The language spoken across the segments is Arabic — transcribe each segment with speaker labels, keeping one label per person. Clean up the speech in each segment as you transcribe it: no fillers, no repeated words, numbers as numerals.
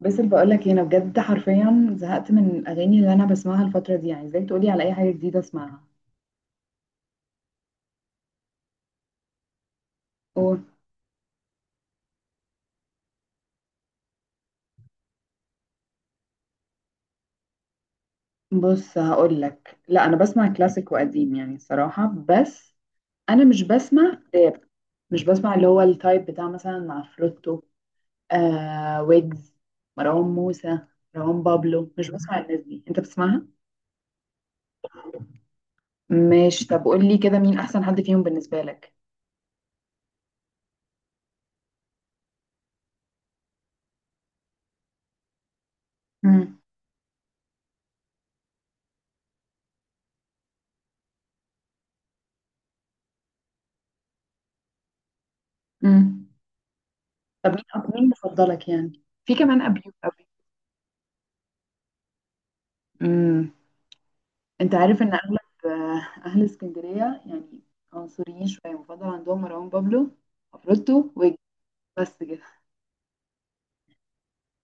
Speaker 1: بس اللي بقول لك إيه، انا بجد حرفيا زهقت من الاغاني اللي انا بسمعها الفتره دي. يعني ازاي تقولي على اي حاجه جديده اسمعها؟ أوه. بص، هقول لك، لا انا بسمع كلاسيك وقديم يعني الصراحه، بس انا مش بسمع راب. مش بسمع اللي هو التايب بتاع مثلا مع آه، ويجز، مروان موسى، مروان بابلو. مش بسمع الناس دي. انت بتسمعها؟ ماشي. طب قول لي كده، مين احسن حد فيهم بالنسبه لك؟ امم. امم. طب، مين مفضلك يعني؟ في كمان ابيو ابيو. امم. انت عارف ان اغلب آه، اهل اسكندريه يعني، عنصريين شويه. بفضل عندهم مروان بابلو، عفروتو، ويجز. بس كده.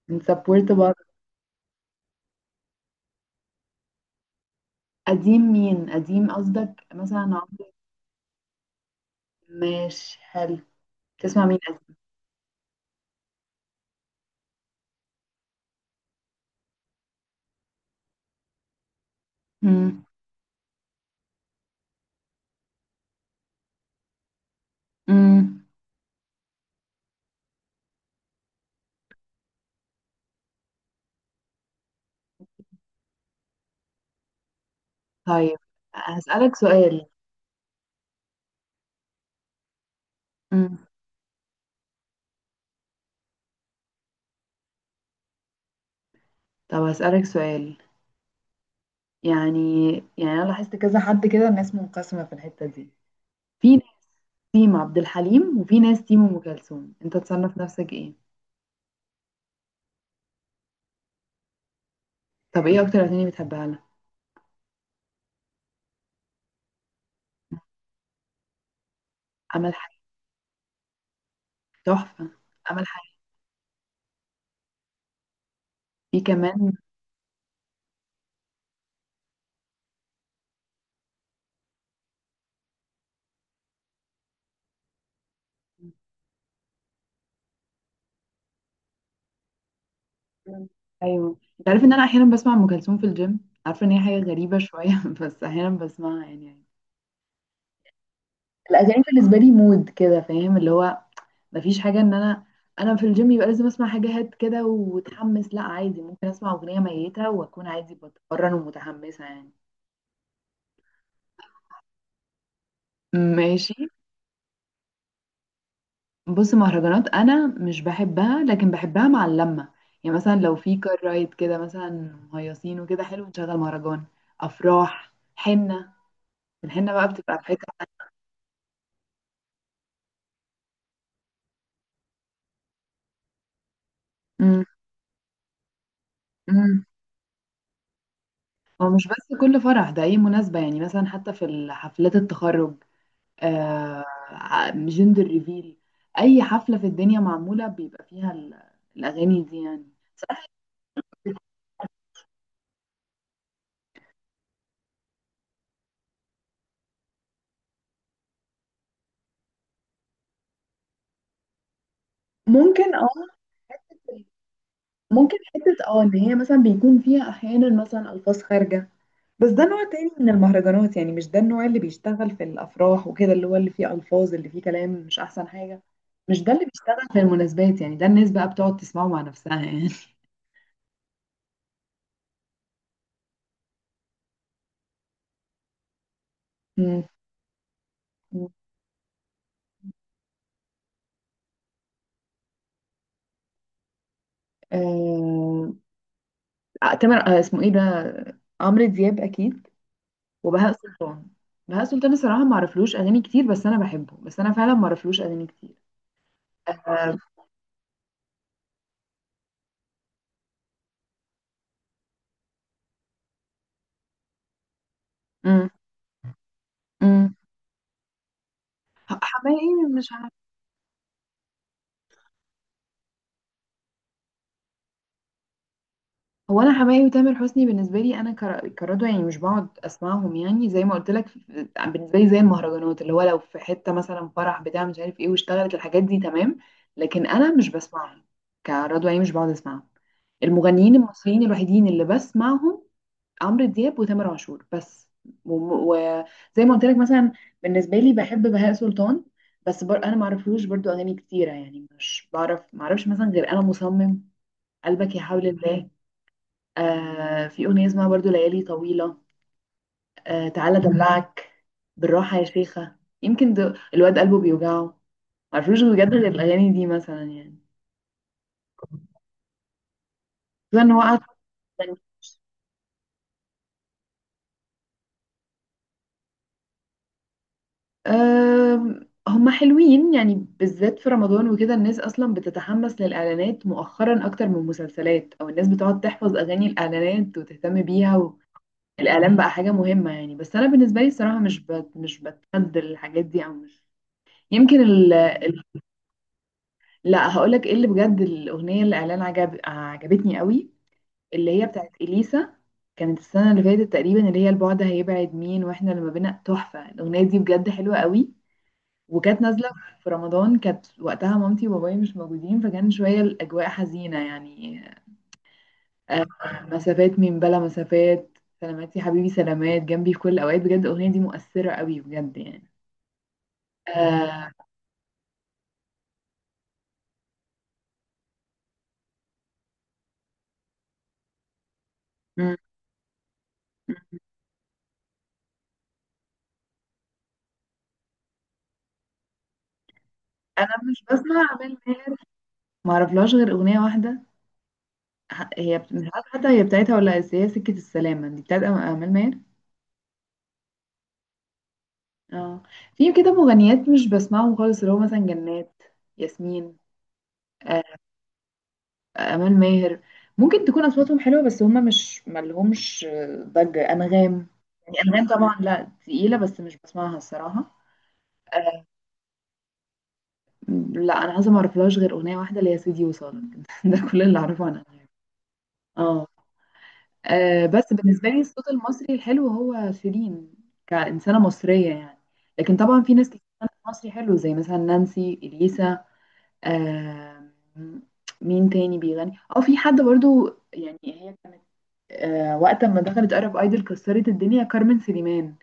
Speaker 1: بنسبورت بعض. قديم؟ مين قديم؟ قصدك مثلا عمرو؟ ماشي، حلو. تسمع مين قديم؟ مم. مم. طيب، هسألك سؤال. مم. طب هسألك سؤال. يعني يعني انا لاحظت كذا حد كده. الناس منقسمه في الحته دي. في ناس تيم عبد الحليم وفي ناس تيم ام كلثوم. انت تصنف نفسك ايه؟ طب ايه اكتر اغاني بتحبها لها؟ امل. تحفة. عمل حاجة. في كمان. أيوه، أنت عارف إن أنا أحيانا بسمع أم كلثوم في الجيم. عارفة إن هي حاجة غريبة شوية بس أحيانا بسمعها يعني. الأغاني بالنسبة لي مود كده، فاهم اللي هو مفيش حاجة إن أنا في الجيم يبقى لازم أسمع حاجة هات كده وتحمس. لا عادي، ممكن أسمع أغنية ميتة وأكون عادي بتمرن ومتحمسة يعني. ماشي. بص، مهرجانات انا مش بحبها، لكن بحبها مع اللمه. يعني مثلا لو في كار رايد كده مثلا، مهيصين وكده، حلو نشغل مهرجان. افراح، حنه. الحنه بقى بتبقى في حته. امم. امم. هو مش بس كل فرح، ده اي مناسبه يعني، مثلا حتى في حفلات التخرج. آه، جندر ريفيل. اي حفله في الدنيا معموله بيبقى فيها الاغاني دي يعني. صراحة. ممكن، اه. حتة- ممكن حته ان هي مثلا بيكون فيها احيانا مثلا الفاظ خارجه. بس ده نوع تاني من المهرجانات يعني. مش ده النوع اللي بيشتغل في الافراح وكده، اللي هو اللي فيه الفاظ، اللي فيه كلام مش احسن حاجه. مش ده اللي بيشتغل في المناسبات يعني. ده الناس بقى بتقعد تسمعه مع نفسها يعني. مم. آه... آه، تامر، اسمه ايه ده، عمرو دياب اكيد، وبهاء سلطان. بهاء سلطان الصراحه ما اعرفلوش اغاني كتير، بس انا بحبه. بس انا فعلا ما اعرفلوش اغاني كتير. آه... مم. مم. حماقي مش... هو، انا حماقي وتامر حسني بالنسبه لي انا كردوه يعني، مش بقعد اسمعهم، يعني زي ما قلت لك بالنسبه لي زي المهرجانات، اللي هو لو في حته مثلا فرح بتاع مش عارف ايه واشتغلت الحاجات دي، تمام. لكن انا مش بسمعهم. كردوه يعني، مش بقعد اسمعهم. المغنيين المصريين الوحيدين اللي بسمعهم، عمرو دياب وتامر عاشور بس. وزي ما قلت لك مثلا، بالنسبه لي بحب بهاء سلطان. بس انا ما اعرفلوش برضو اغاني كتيره يعني، مش بعرف، ما اعرفش مثلا غير انا مصمم، قلبك يا حول الله. آه، في أغنية اسمها برضو ليالي طويلة. آه، تعالى دلعك، بالراحة يا شيخة، يمكن ده الواد قلبه بيوجعه. معرفوش بجد غير الأغاني دي مثلا يعني. خصوصا إن هو قاعد يعني. آه، هما حلوين يعني، بالذات في رمضان وكده الناس أصلا بتتحمس للإعلانات مؤخرا أكتر من المسلسلات، أو الناس بتقعد تحفظ أغاني الإعلانات وتهتم بيها. والإعلان بقى حاجة مهمة يعني. بس أنا بالنسبة لي الصراحة مش بتحد الحاجات دي، أو مش يمكن. لا، هقولك ايه اللي بجد، الاغنيه اللي اعلان عجبتني قوي، اللي هي بتاعت اليسا. كانت السنه اللي فاتت تقريبا، اللي هي البعد هيبعد مين واحنا لما بينا، تحفه. الاغنيه دي بجد حلوه قوي، وكانت نازله في رمضان. كانت وقتها مامتي وبابايا مش موجودين فكان شويه الاجواء حزينه يعني. آه، مسافات من بلا مسافات، سلامات يا حبيبي سلامات، جنبي في كل الاوقات. بجد الاغنيه دي مؤثره قوي بجد يعني. آه، م- م- انا مش بسمع اعمال ماهر. ما اعرفلهاش غير اغنيه واحده. هي مش عارفة حتى هي بتاعتها، ولا هي سكة السلامة دي بتاعت أمال ماهر. اه. في كده مغنيات مش بسمعهم خالص، اللي هو مثلا جنات، ياسمين، آه، أمال ماهر. ممكن تكون أصواتهم حلوة، بس هما مش ملهمش، ضجة. أنغام، يعني أنغام طبعا، لا، تقيلة بس مش بسمعها الصراحة. آه، لا، أنا عايزة، معرفلهاش غير أغنية واحدة اللي هي سيدي وصالك ده كل اللي أعرفه عن أنغام. اه. آه، بس بالنسبة لي الصوت المصري الحلو هو شيرين، كإنسانة مصرية يعني. لكن طبعا في ناس كتير بتغني مصري حلو، زي مثلا نانسي، إليسا، آه. مين تاني بيغني؟ اه في حد برضو، يعني هي كانت، آه، وقت ما دخلت أرب ايدل كسرت الدنيا كارمن سليمان.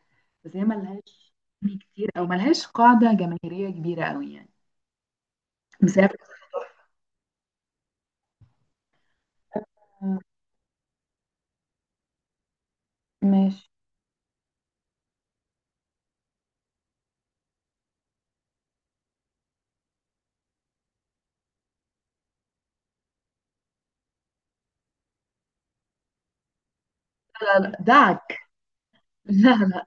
Speaker 1: بس هي ملهاش أغاني كتير، او ملهاش قاعدة جماهيرية كبيرة قوي يعني. بس هي بتغني. ماشي. لا لا لا، دعك. لا.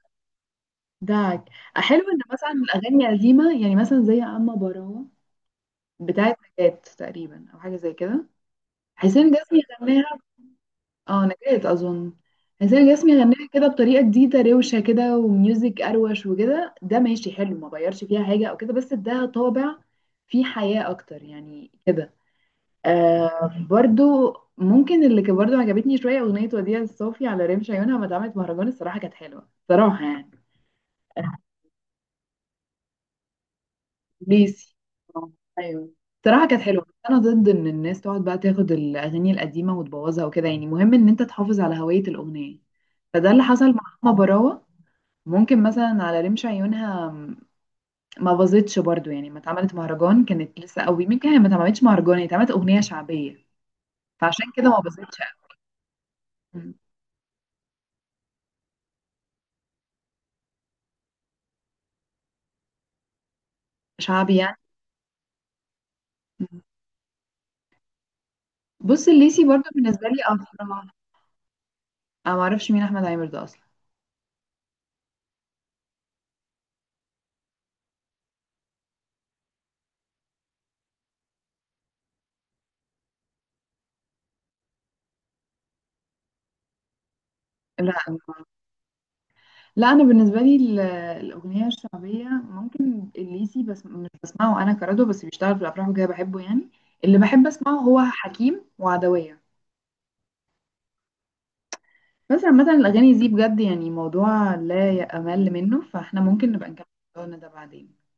Speaker 1: ده حلو ان مثلا الاغاني قديمه، يعني مثلا زي اما براوه، بتاعه نجاة تقريبا، او حاجه زي كده. حسين جسمي غناها. اه، نجاة اظن. حسين جسمي غناها كده بطريقه جديده روشه كده وميوزك اروش وكده، ده ماشي حلو، ما غيرش فيها حاجه او كده، بس اداها طابع فيه حياه اكتر يعني كده. آه، برضو ممكن اللي كان برضو عجبتني شويه اغنيه وديع الصوفي على رمش عيونها ما اتعملت مهرجان، الصراحه كانت حلوه صراحه يعني. ميسي، آه، ايوه. صراحه كانت حلوه، بس انا ضد ان الناس تقعد بقى تاخد الاغاني القديمه وتبوظها وكده. يعني مهم ان انت تحافظ على هويه الاغنيه. فده اللي حصل مع ماما براوه. ممكن مثلا على رمش عيونها ما باظتش برضو يعني، ما اتعملت مهرجان، كانت لسه قوي. يمكن هي ما اتعملتش مهرجان، هي اتعملت اغنيه شعبيه. فعشان كده ما باظتش قوي. شعبي يعني. بص، الليسي برضو بالنسبه لي افراح انا. ما اعرفش مين احمد عامر ده اصلا. لا لا، انا بالنسبه لي الاغنيه الشعبيه ممكن الليسي، بس مش بسمعه انا، كردو، بس بيشتغل في الافراح وكده بحبه يعني. اللي بحب اسمعه هو حكيم وعدويه. بس عامه الاغاني دي بجد يعني موضوع لا يأمل منه، فاحنا ممكن نبقى نكمل موضوعنا ده بعدين.